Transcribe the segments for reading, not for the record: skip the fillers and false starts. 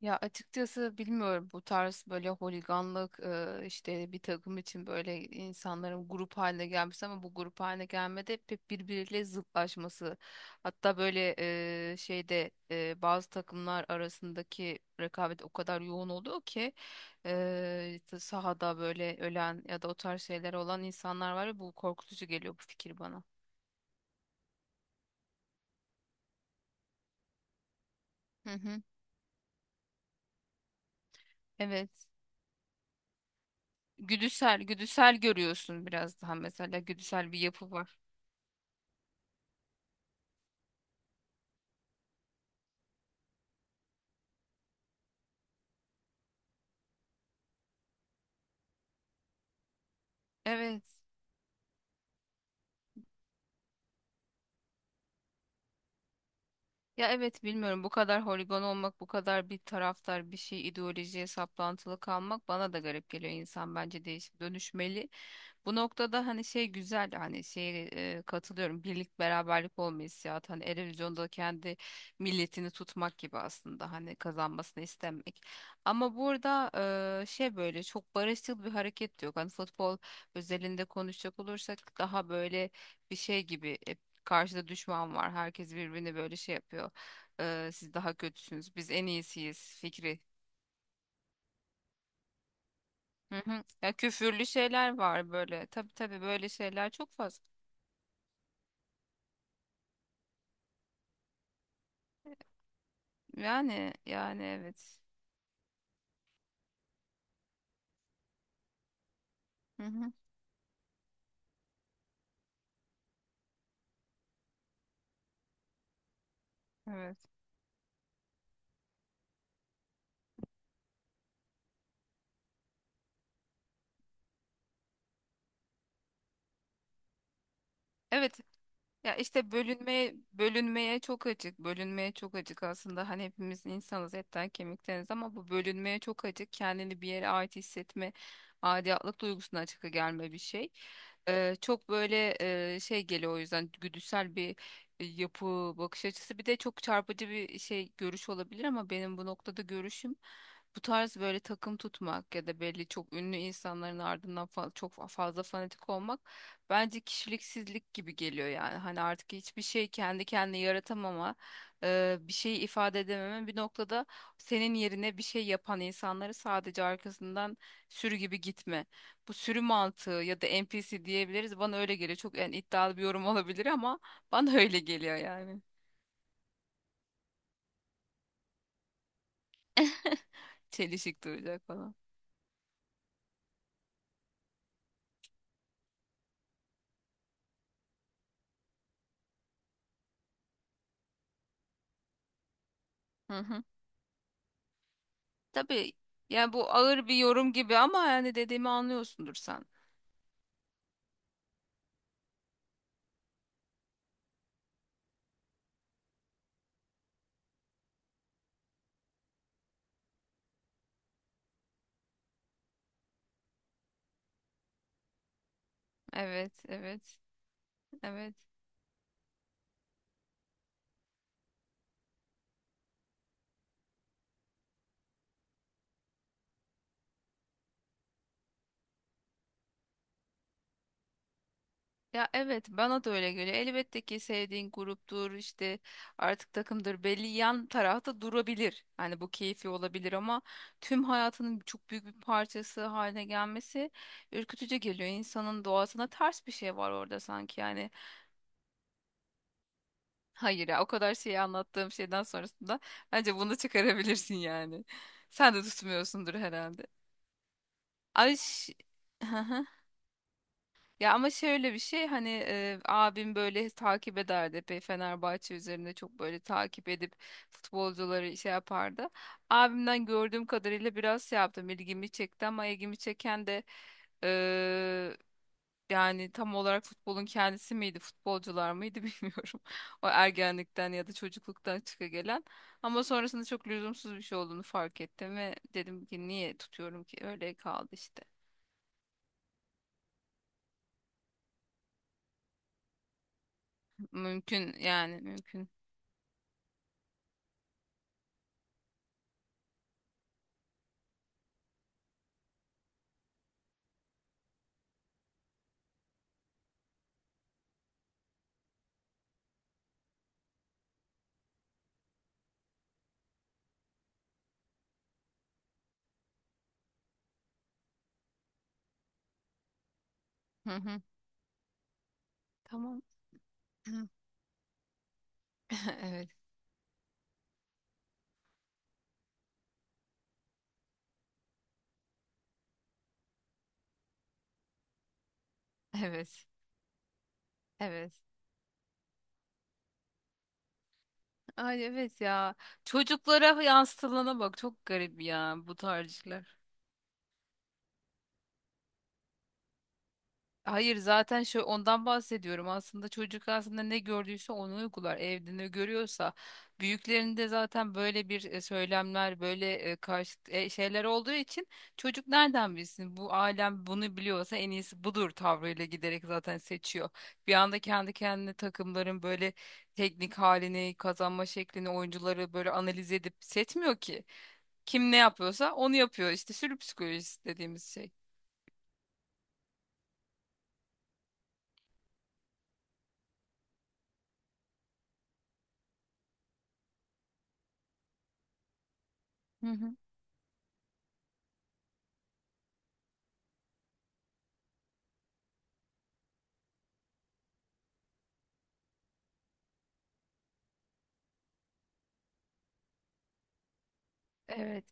Ya açıkçası bilmiyorum bu tarz böyle holiganlık, işte bir takım için böyle insanların grup haline gelmesi ama bu grup haline gelmede hep birbiriyle zıtlaşması. Hatta böyle şeyde bazı takımlar arasındaki rekabet o kadar yoğun oluyor ki sahada böyle ölen ya da o tarz şeyler olan insanlar var ve bu korkutucu geliyor bu fikir bana. Hı hı, evet. Güdüsel görüyorsun biraz daha mesela güdüsel bir yapı var. Evet. Ya evet bilmiyorum bu kadar holigan olmak, bu kadar bir taraftar bir şey ideolojiye saplantılı kalmak bana da garip geliyor. İnsan bence değişip dönüşmeli. Bu noktada hani şey güzel hani şey, katılıyorum, birlik beraberlik olma hissiyatı hani Eurovision'da kendi milletini tutmak gibi aslında hani kazanmasını istemek. Ama burada şey, böyle çok barışçıl bir hareket de yok. Hani futbol özelinde konuşacak olursak daha böyle bir şey gibi, karşıda düşman var. Herkes birbirini böyle şey yapıyor. Siz daha kötüsünüz biz en iyisiyiz fikri. Hı hı. Ya küfürlü şeyler var böyle. Tabii tabii böyle şeyler çok fazla. Yani yani evet. Hı hı, evet. Evet. Ya işte bölünmeye çok açık. Bölünmeye çok açık aslında. Hani hepimiz insanız, etten kemikteniz ama bu bölünmeye çok açık. Kendini bir yere ait hissetme, aidiyetlik duygusuna açık gelme bir şey. Çok böyle şey geliyor, o yüzden güdüsel bir yapı, bakış açısı. Bir de çok çarpıcı bir şey, görüş olabilir ama benim bu noktada görüşüm, bu tarz böyle takım tutmak ya da belli çok ünlü insanların ardından çok fazla fanatik olmak bence kişiliksizlik gibi geliyor yani. Hani artık hiçbir şey kendi kendine yaratamama, bir şeyi ifade edememe, bir noktada senin yerine bir şey yapan insanları sadece arkasından sürü gibi gitme. Bu sürü mantığı ya da NPC diyebiliriz. Bana öyle geliyor. Çok yani iddialı bir yorum olabilir ama bana öyle geliyor yani. Çelişik duracak falan. Hı hı. Tabii, yani bu ağır bir yorum gibi ama yani dediğimi anlıyorsundur sen. Evet, evet, evet. Ya evet, bana da öyle geliyor. Elbette ki sevdiğin gruptur işte, artık takımdır, belli yan tarafta durabilir. Hani bu keyfi olabilir ama tüm hayatının çok büyük bir parçası haline gelmesi ürkütücü geliyor. İnsanın doğasına ters bir şey var orada sanki yani. Hayır ya, o kadar şeyi anlattığım şeyden sonrasında bence bunu çıkarabilirsin yani. Sen de tutmuyorsundur herhalde. Ay ş- Ya ama şöyle bir şey, hani abim böyle takip ederdi epey, Fenerbahçe üzerinde çok böyle takip edip futbolcuları şey yapardı. Abimden gördüğüm kadarıyla biraz şey yaptım, ilgimi çekti ama ilgimi çeken de e, yani tam olarak futbolun kendisi miydi futbolcular mıydı bilmiyorum. O ergenlikten ya da çocukluktan çıka gelen, ama sonrasında çok lüzumsuz bir şey olduğunu fark ettim ve dedim ki niye tutuyorum ki, öyle kaldı işte. Mümkün yani, mümkün. Hı hı. Tamam. Hı. Evet, evet, evet. Ay evet ya. Çocuklara yansıtılana bak, çok garip ya bu tarihler. Hayır, zaten şu, ondan bahsediyorum. Aslında çocuk aslında ne gördüyse onu uygular. Evde ne görüyorsa, büyüklerinde zaten böyle bir söylemler, böyle karşı şeyler olduğu için çocuk nereden bilsin? Bu alem bunu biliyorsa en iyisi budur tavrıyla giderek zaten seçiyor. Bir anda kendi kendine takımların böyle teknik halini, kazanma şeklini, oyuncuları böyle analiz edip seçmiyor ki. Kim ne yapıyorsa onu yapıyor. İşte sürü psikolojisi dediğimiz şey. Hı hı. Evet.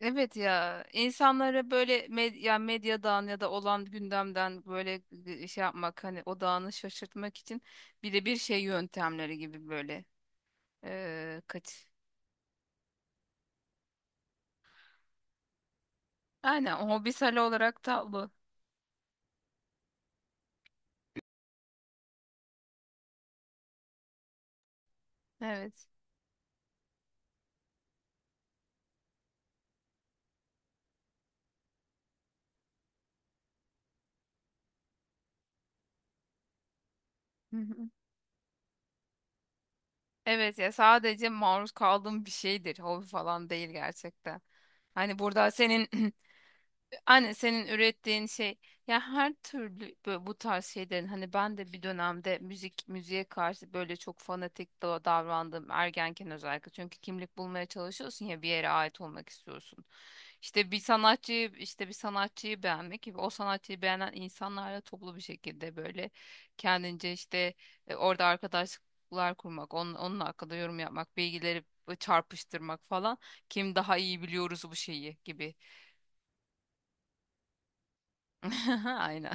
Evet ya, insanlara böyle medyadan ya da olan gündemden böyle şey yapmak, hani odağını şaşırtmak için birebir şey yöntemleri gibi böyle kaç aynen hobisel olarak tablo evet. Hı hı. Evet ya, sadece maruz kaldığım bir şeydir, hobi falan değil gerçekten. Hani burada senin anne senin ürettiğin şey, ya her türlü böyle bu tarz şeylerin, hani ben de bir dönemde müziğe karşı böyle çok fanatik davrandım ergenken, özellikle çünkü kimlik bulmaya çalışıyorsun ya, bir yere ait olmak istiyorsun. İşte bir sanatçıyı bir sanatçıyı beğenmek, o sanatçıyı beğenen insanlarla toplu bir şekilde böyle kendince işte orada arkadaşlıklar kurmak, onun hakkında yorum yapmak, bilgileri çarpıştırmak falan, kim daha iyi biliyoruz bu şeyi gibi. Aynen.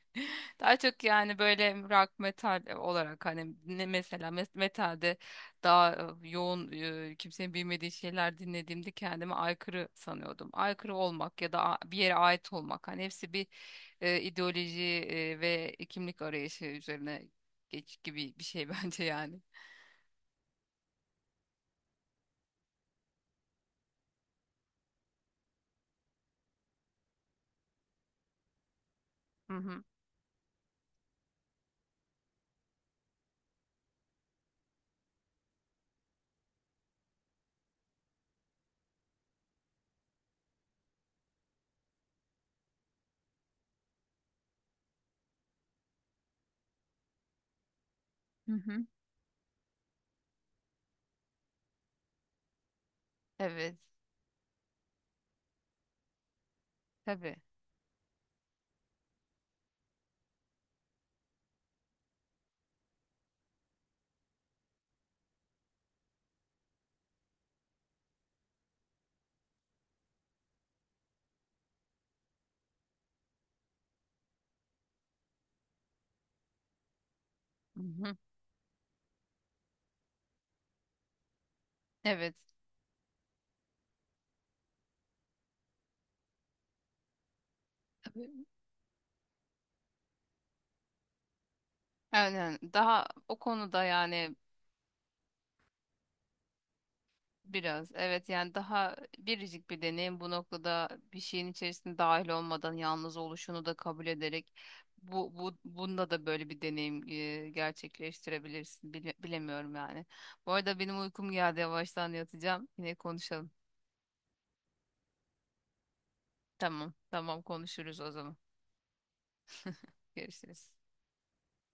Daha çok yani böyle rock metal olarak, hani ne mesela metalde daha yoğun, kimsenin bilmediği şeyler dinlediğimde kendimi aykırı sanıyordum. Aykırı olmak ya da bir yere ait olmak, hani hepsi bir ideoloji ve kimlik arayışı üzerine geç gibi bir şey bence yani. Hı hı. Hı hı. Evet. Tabii. Hı hı. Evet. Tabii. Aynen. Daha o konuda yani biraz evet, yani daha biricik bir deneyim bu noktada, bir şeyin içerisinde dahil olmadan yalnız oluşunu da kabul ederek bu bunda da böyle bir deneyim gerçekleştirebilirsin. Bilemiyorum yani. Bu arada benim uykum geldi, yavaştan yatacağım, yine konuşalım. Tamam tamam, konuşuruz o zaman, görüşürüz.